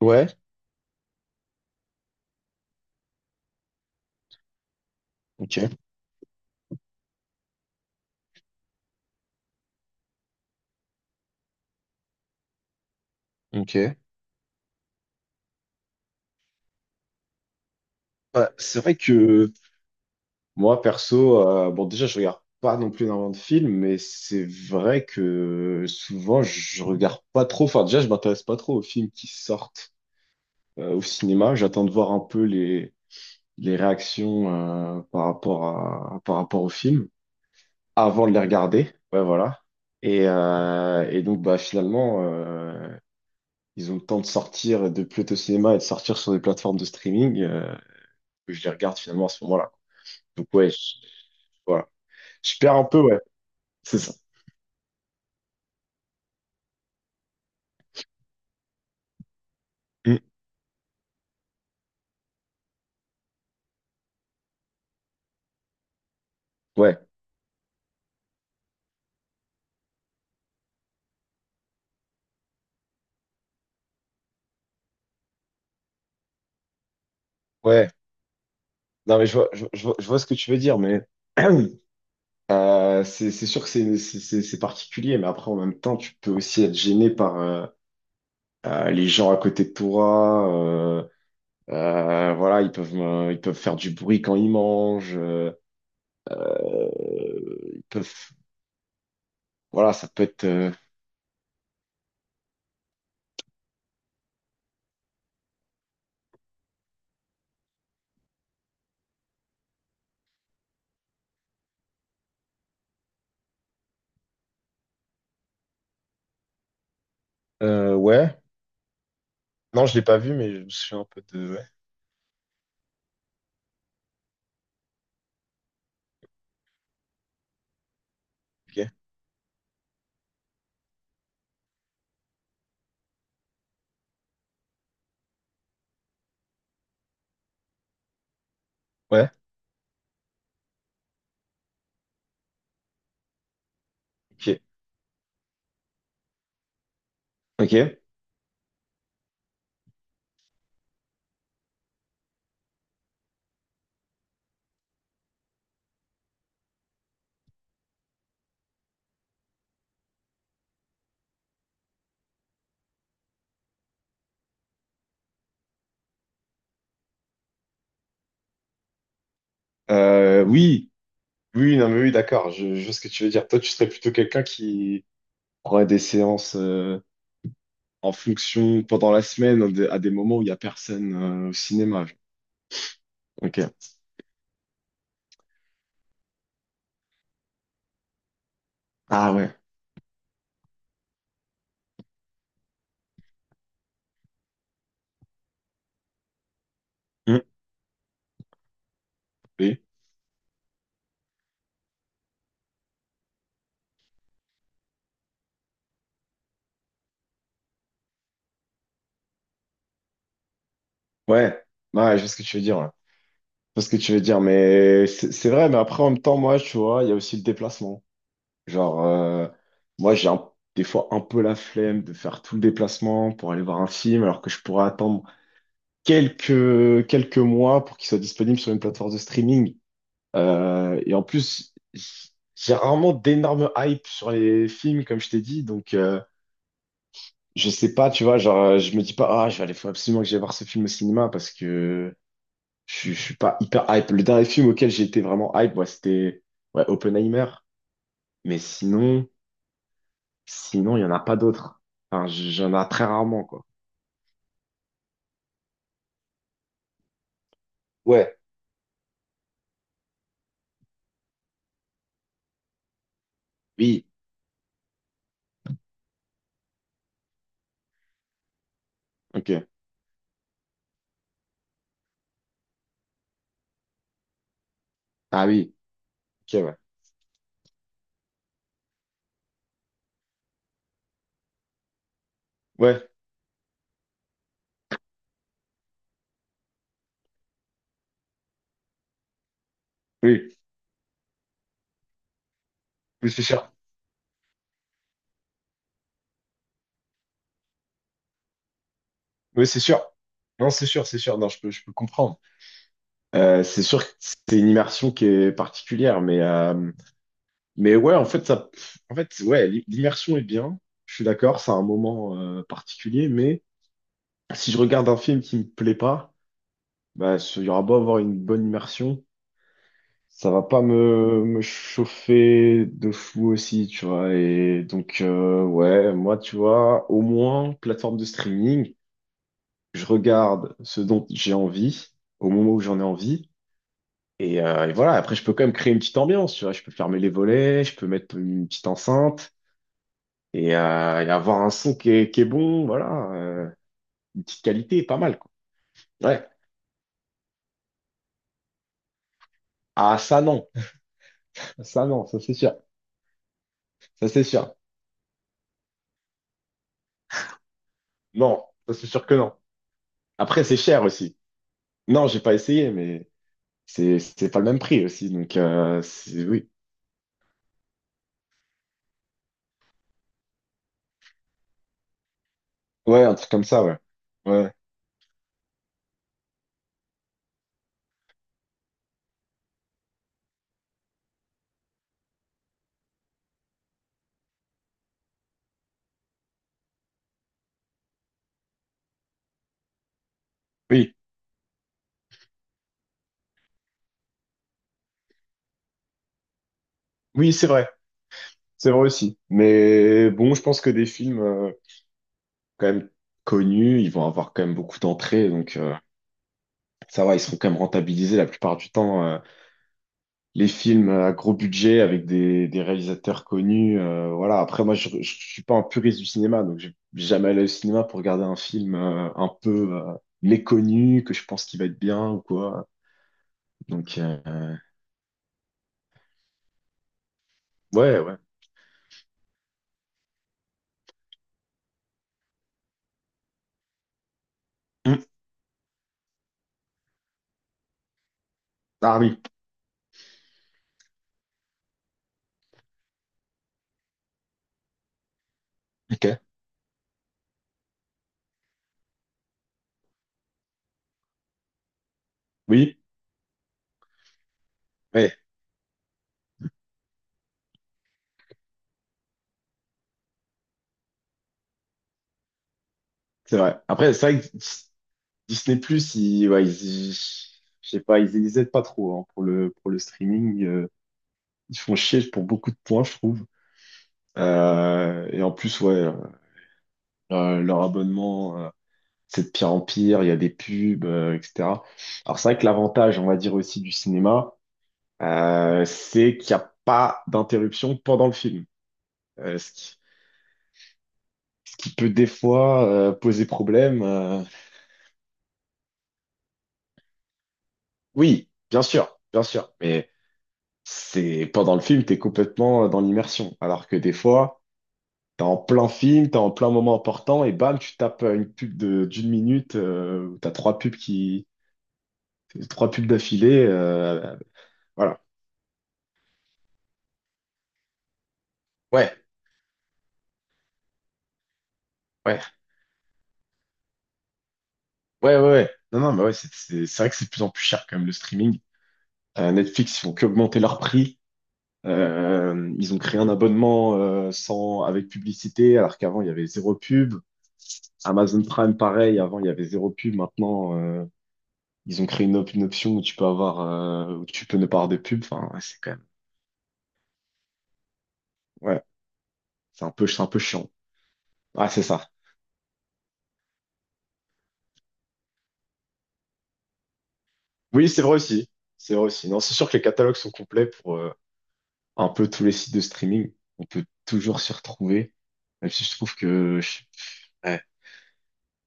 Ouais, ok, ok. Bah, c'est vrai que moi, perso, bon, déjà, je regarde pas non plus énormément de films, mais c'est vrai que souvent, je regarde pas trop. Enfin, déjà, je m'intéresse pas trop aux films qui sortent au cinéma. J'attends de voir un peu les réactions par rapport par rapport aux films avant de les regarder. Ouais, voilà. Et donc, bah, finalement, ils ont le temps de sortir, de plus être au cinéma et de sortir sur des plateformes de streaming. Que je les regarde finalement à ce moment-là. Donc, voilà. Je perds un peu, ouais. C'est ça. Mm. Ouais, ouais. Non, mais je vois ce que tu veux dire, mais c'est sûr que c'est particulier, mais après, en même temps, tu peux aussi être gêné par les gens à côté de toi. Voilà, ils peuvent faire du bruit quand ils mangent. Ils peuvent, voilà, ça peut être. Ouais. Non, je l'ai pas vu, mais je me souviens un peu de. Ouais. Ok. Ouais. Ok. Ok. Oui. Oui, non, mais oui, d'accord, je vois ce que tu veux dire. Toi, tu serais plutôt quelqu'un qui aurait des séances en fonction pendant la semaine, à des moments où il n'y a personne au cinéma. Genre. Ok. Ah ouais. Hmm. Oui. Ouais. Ouais, je vois ce que tu veux dire. Ouais. Je vois ce que tu veux dire, mais c'est vrai, mais après, en même temps, moi, tu vois, il y a aussi le déplacement. Genre, moi, des fois un peu la flemme de faire tout le déplacement pour aller voir un film, alors que je pourrais attendre quelques mois pour qu'il soit disponible sur une plateforme de streaming. Et en plus, j'ai rarement d'énormes hype sur les films, comme je t'ai dit. Donc, je sais pas, tu vois, genre, je me dis pas, ah, je vais aller, faut absolument que j'aille voir ce film au cinéma parce que je suis pas hyper hype. Le dernier film auquel j'ai été vraiment hype, ouais, c'était ouais, Oppenheimer. Mais sinon, il y en a pas d'autres. Enfin, j'en ai très rarement, quoi. Ouais, oui, ok. Ah oui, ok, ouais. Ouais, oui, oui, c'est sûr. Oui, c'est sûr. Non, c'est sûr. Non, je peux comprendre. C'est sûr que c'est une immersion qui est particulière, mais, ouais, en fait, ça, en fait, ouais, l'i- l'immersion est bien. Je suis d'accord, c'est un moment particulier, mais si je regarde un film qui me plaît pas, bah, il y aura beau avoir une bonne immersion, ça va pas me chauffer de fou aussi, tu vois. Et donc, ouais, moi, tu vois, au moins, plateforme de streaming, je regarde ce dont j'ai envie, au moment où j'en ai envie. Et voilà, après, je peux quand même créer une petite ambiance, tu vois. Je peux fermer les volets, je peux mettre une petite enceinte et avoir un son qui est bon, voilà. Une petite qualité, pas mal, quoi. Ouais. Ah, ça, non. Ça, non, ça, c'est sûr. Ça, c'est sûr. Non, ça, c'est sûr que non. Après, c'est cher aussi. Non, j'ai pas essayé, mais c'est pas le même prix aussi. Donc, oui. Ouais, un truc comme ça, ouais. Ouais. Oui. Oui, c'est vrai. C'est vrai aussi. Mais bon, je pense que des films. Quand même connus, ils vont avoir quand même beaucoup d'entrées, donc ça va, ils seront quand même rentabilisés la plupart du temps. Les films à gros budget avec des réalisateurs connus, voilà. Après, moi, suis pas un puriste du cinéma, donc je vais jamais allé au cinéma pour regarder un film un peu méconnu que je pense qu'il va être bien ou quoi. Donc ouais, ouais. Mm. Ah oui, ok. Oui, ouais, c'est vrai. Après, c'est vrai que Disney+, ouais, je sais pas, ils aident pas trop hein, pour pour le streaming. Ils font chier pour beaucoup de points, je trouve. Et en plus, ouais, leur abonnement, c'est de pire en pire. Il y a des pubs, etc. Alors c'est vrai que l'avantage, on va dire aussi du cinéma, c'est qu'il n'y a pas d'interruption pendant le film. Euh, ce qui, Ce qui peut des fois poser problème. Oui, bien sûr, bien sûr. Mais c'est pendant le film, t'es complètement dans l'immersion. Alors que des fois, t'es en plein film, t'es en plein moment important et bam, tu tapes une pub de d'une minute où t'as trois pubs d'affilée. Voilà. Ouais, ouais, ouais. Ouais. Non, non, mais ouais, c'est vrai que c'est de plus en plus cher quand même le streaming. Netflix, ils font qu'augmenter leur prix. Ils ont créé un abonnement sans avec publicité, alors qu'avant il y avait zéro pub. Amazon Prime, pareil, avant il y avait zéro pub, maintenant. Ils ont créé une option où tu peux avoir, où tu peux ne pas avoir de pub. Enfin, ouais, c'est un peu chiant. Ah, c'est ça. Oui, c'est vrai aussi. C'est vrai aussi. Non, c'est sûr que les catalogues sont complets pour un peu tous les sites de streaming. On peut toujours s'y retrouver. Même si je trouve que ouais.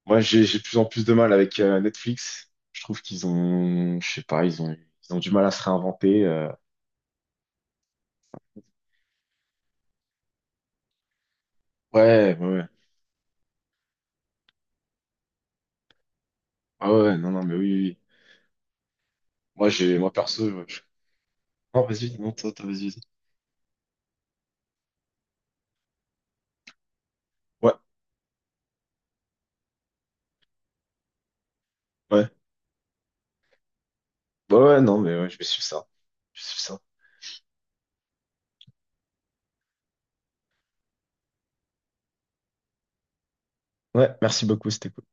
Moi, j'ai de plus en plus de mal avec Netflix. Je trouve qu'ils ont, je sais pas, ils ont du mal à se réinventer. Ouais, ouais, ouais. Ah ouais, non, non, mais oui, oui. Oui. Moi, moi perso, non, vas-y, non, vas-y. Ouais. Ouais. Ouais, ouais, non, mais ouais, je vais suivre ça. Je vais suivre ça. Ouais, merci beaucoup, c'était cool.